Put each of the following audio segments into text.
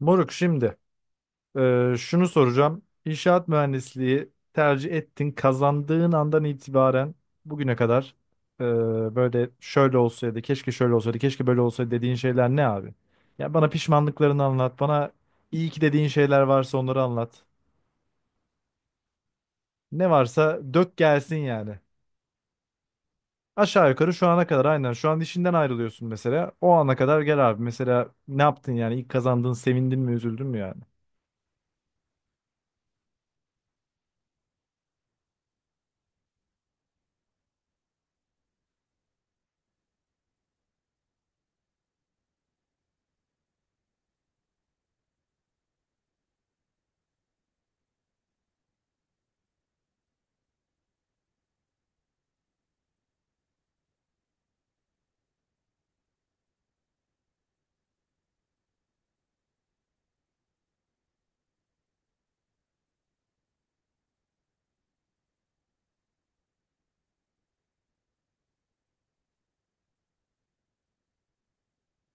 Moruk şimdi, şunu soracağım. İnşaat mühendisliği tercih ettin, kazandığın andan itibaren bugüne kadar, e, böyle şöyle olsaydı, keşke şöyle olsaydı, keşke böyle olsaydı dediğin şeyler ne abi? Ya bana pişmanlıklarını anlat, bana iyi ki dediğin şeyler varsa onları anlat. Ne varsa dök gelsin yani. Aşağı yukarı şu ana kadar aynen. Şu an işinden ayrılıyorsun mesela. O ana kadar gel abi. Mesela ne yaptın yani? İlk kazandığın sevindin mi, üzüldün mü yani?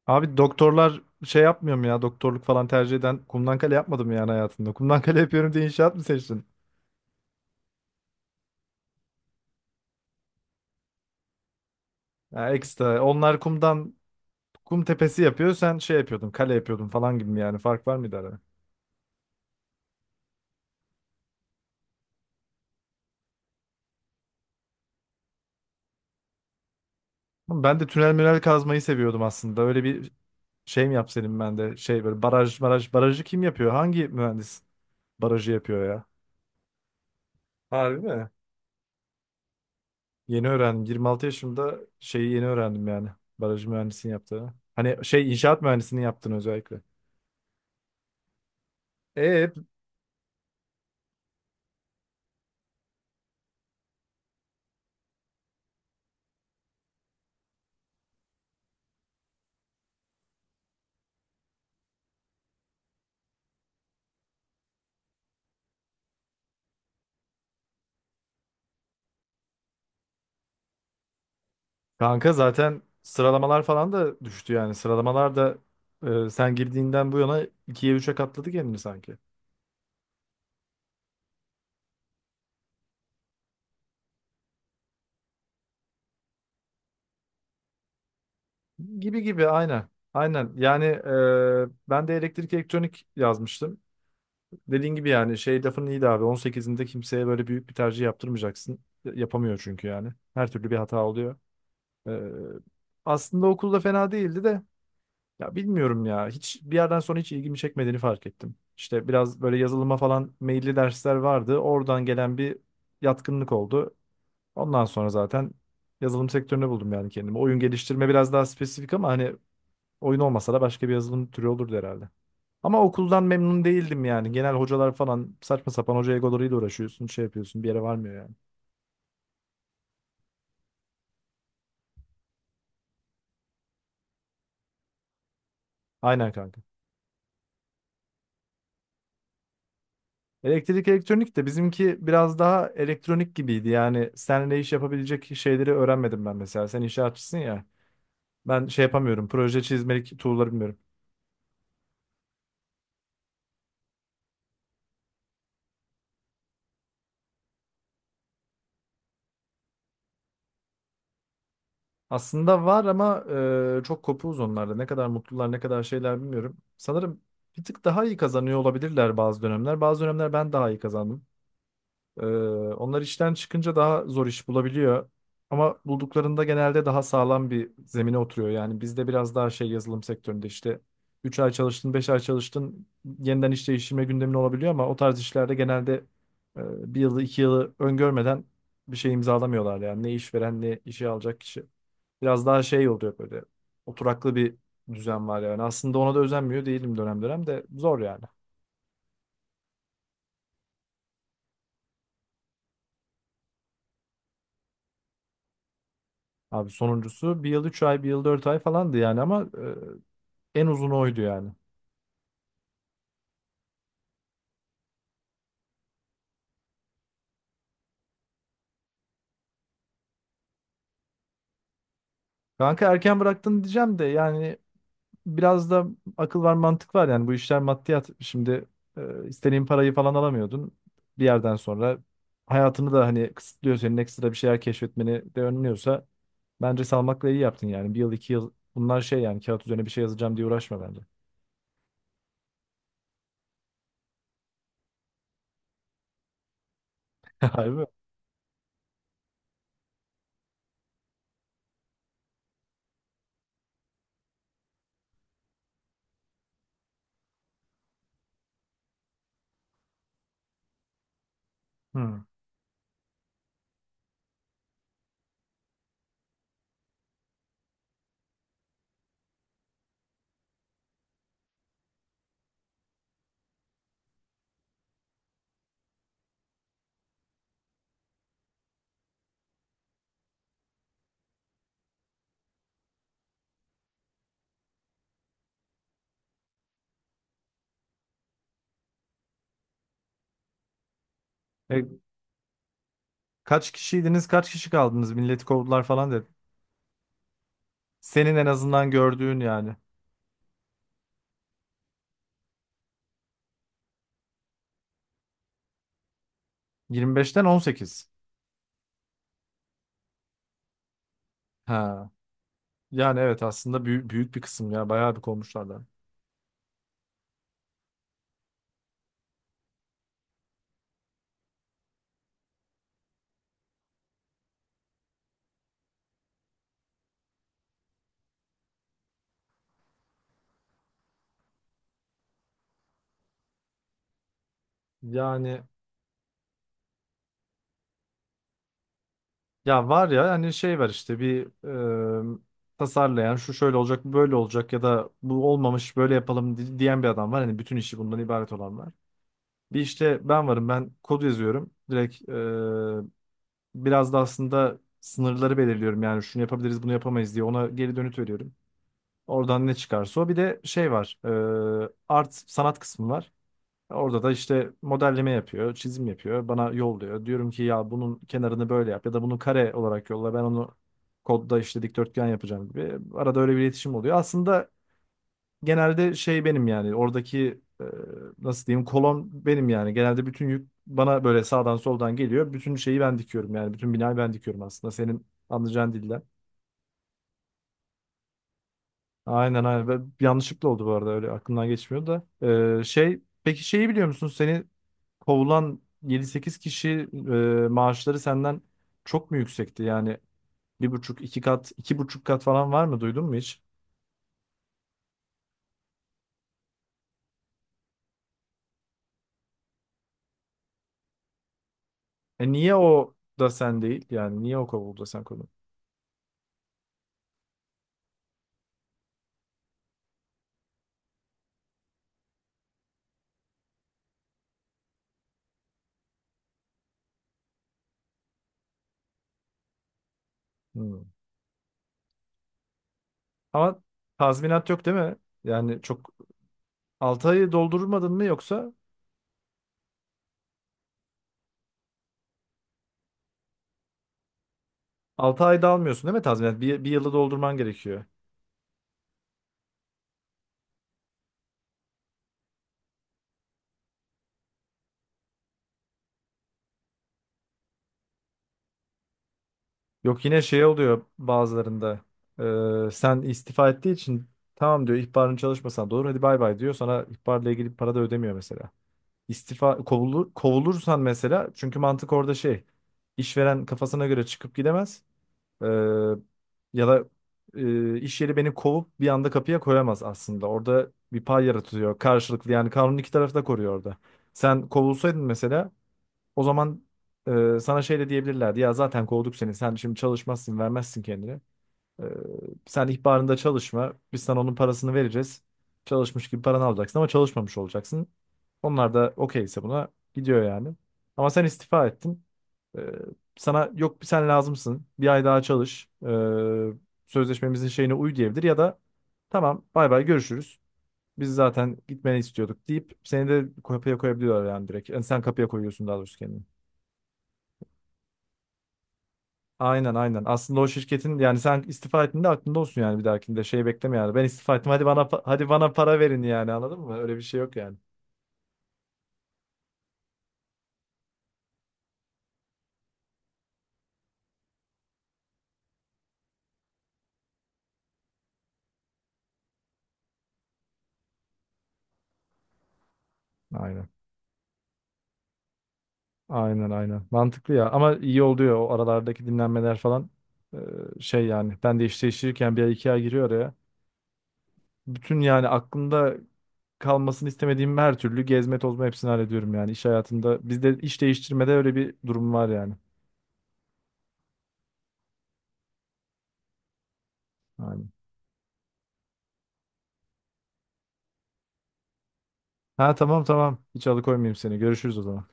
Abi doktorlar şey yapmıyor mu ya? Doktorluk falan tercih eden kumdan kale yapmadım yani hayatında. Kumdan kale yapıyorum diye inşaat mı seçtin? Ya ekstra. Onlar kumdan kum tepesi yapıyor. Sen şey yapıyordun, kale yapıyordun falan gibi mi yani? Fark var mıydı arada? Ama ben de tünel münel kazmayı seviyordum aslında. Öyle bir şey mi yapsaydım ben de? Şey böyle baraj baraj barajı kim yapıyor? Hangi mühendis barajı yapıyor ya? Harbi mi? Yeni öğrendim. 26 yaşımda şeyi yeni öğrendim yani. Baraj mühendisinin yaptığını. Hani şey inşaat mühendisinin yaptığını özellikle. E, kanka zaten sıralamalar falan da düştü yani. Sıralamalar da, sen girdiğinden bu yana ikiye üçe katladı kendini sanki. Gibi gibi aynen. Aynen. Yani, ben de elektrik elektronik yazmıştım. Dediğin gibi yani şey lafın iyiydi abi. 18'inde kimseye böyle büyük bir tercih yaptırmayacaksın. Yapamıyor çünkü yani. Her türlü bir hata oluyor. E, Aslında okulda fena değildi de ya bilmiyorum ya. Hiç bir yerden sonra hiç ilgimi çekmediğini fark ettim. İşte biraz böyle yazılıma falan meyilli dersler vardı. Oradan gelen bir yatkınlık oldu. Ondan sonra zaten yazılım sektöründe buldum yani kendimi. Oyun geliştirme biraz daha spesifik ama hani oyun olmasa da başka bir yazılım türü olurdu herhalde. Ama okuldan memnun değildim yani. Genel hocalar falan saçma sapan hoca egolarıyla uğraşıyorsun, şey yapıyorsun, bir yere varmıyor yani. Aynen kanka. Elektrik elektronik de bizimki biraz daha elektronik gibiydi. Yani seninle iş yapabilecek şeyleri öğrenmedim ben mesela. Sen inşaatçısın ya. Ben şey yapamıyorum. Proje çizmelik tool'ları bilmiyorum. Aslında var ama, çok kopuğuz onlarda. Ne kadar mutlular, ne kadar şeyler bilmiyorum. Sanırım bir tık daha iyi kazanıyor olabilirler bazı dönemler. Bazı dönemler ben daha iyi kazandım. Ee, Onlar işten çıkınca daha zor iş bulabiliyor. Ama bulduklarında genelde daha sağlam bir zemine oturuyor. Yani bizde biraz daha şey yazılım sektöründe işte 3 ay çalıştın, 5 ay çalıştın yeniden iş değiştirme gündemin olabiliyor ama o tarz işlerde genelde, bir yılı 2 yılı öngörmeden bir şey imzalamıyorlar yani ne işveren ne işe alacak kişi. Biraz daha şey oluyor böyle oturaklı bir düzen var yani. Aslında ona da özenmiyor değilim dönem dönem de zor yani. Abi sonuncusu bir yıl 3 ay, bir yıl 4 ay falandı yani ama en uzun oydu yani. Kanka erken bıraktın diyeceğim de yani biraz da akıl var mantık var yani bu işler maddiyat. Şimdi, istediğin parayı falan alamıyordun. Bir yerden sonra hayatını da hani kısıtlıyor senin ekstra bir şeyler keşfetmeni de önlüyorsa bence salmakla iyi yaptın yani. Bir yıl iki yıl bunlar şey yani kağıt üzerine bir şey yazacağım diye uğraşma bence. Harbi mi? Hmm. E, Kaç kişiydiniz kaç kişi kaldınız milleti kovdular falan dedi. Senin en azından gördüğün yani. 25'ten 18. Ha. Yani evet aslında büyük, büyük bir kısım ya bayağı bir kovmuşlardan. Yani ya var ya hani şey var işte bir, e, tasarlayan şu şöyle olacak bu böyle olacak ya da bu olmamış böyle yapalım diyen bir adam var. Hani bütün işi bundan ibaret olan var. Bir işte ben varım ben kod yazıyorum. Direkt, biraz da aslında sınırları belirliyorum yani şunu yapabiliriz bunu yapamayız diye ona geri dönüt veriyorum. Oradan ne çıkarsa o bir de şey var, art sanat kısmı var. Orada da işte modelleme yapıyor, çizim yapıyor, bana yolluyor. Diyorum ki ya bunun kenarını böyle yap ya da bunu kare olarak yolla. Ben onu kodda işte dikdörtgen yapacağım gibi. Arada öyle bir iletişim oluyor. Aslında genelde şey benim yani oradaki, nasıl diyeyim kolon benim yani. Genelde bütün yük bana böyle sağdan soldan geliyor. Bütün şeyi ben dikiyorum yani. Bütün binayı ben dikiyorum aslında senin anlayacağın dilden. Aynen aynen. Ve yanlışlıkla oldu bu arada öyle aklımdan geçmiyor da. Şey peki şeyi biliyor musun? Seni kovulan yedi sekiz kişi, maaşları senden çok mu yüksekti? Yani bir buçuk, iki kat, iki buçuk kat falan var mı? Duydun mu hiç? E niye o da sen değil? Yani niye o kovuldu da sen kovdun? Hmm. Ama tazminat yok değil mi? Yani çok 6 ayı doldurmadın mı yoksa 6 ayda almıyorsun değil mi tazminat? Bir, bir yılı doldurman gerekiyor. Yok yine şey oluyor bazılarında. Sen istifa ettiği için tamam diyor ihbarın çalışmasan da olur hadi bay bay diyor. Sana ihbarla ilgili para da ödemiyor mesela. İstifa kovulur, kovulursan mesela çünkü mantık orada şey işveren kafasına göre çıkıp gidemez. Ee, Ya da, iş yeri beni kovup bir anda kapıya koyamaz aslında. Orada bir pay yaratıyor karşılıklı yani kanun iki tarafı da koruyor orada. Sen kovulsaydın mesela o zaman, sana şey de diyebilirlerdi ya zaten kovduk seni sen şimdi çalışmazsın vermezsin kendini. Ee, Sen ihbarında çalışma. Biz sana onun parasını vereceğiz. Çalışmış gibi paranı alacaksın ama çalışmamış olacaksın. Onlar da okeyse buna gidiyor yani. Ama sen istifa ettin. Ee, Sana yok bir sen lazımsın. Bir ay daha çalış. Sözleşmemizin şeyine uy diyebilir ya da tamam bay bay görüşürüz. Biz zaten gitmeni istiyorduk deyip seni de kapıya koyabiliyorlar yani direkt. Yani sen kapıya koyuyorsun daha doğrusu kendini. Aynen aynen. Aslında o şirketin yani sen istifa ettiğinde aklında olsun yani bir dahakinde şey bekleme yani. Ben istifa ettim hadi bana hadi bana para verin yani anladın mı? Öyle bir şey yok yani. Aynen. Aynen aynen. Mantıklı ya. Ama iyi oluyor o aralardaki dinlenmeler falan. Ee, Şey yani ben de iş değiştirirken bir ay iki ay giriyor araya. Bütün yani aklımda kalmasını istemediğim her türlü gezme tozma hepsini hallediyorum yani iş hayatında. Bizde iş değiştirmede öyle bir durum var yani. Aynen. Ha tamam tamam. Hiç alıkoymayayım seni. Görüşürüz o zaman.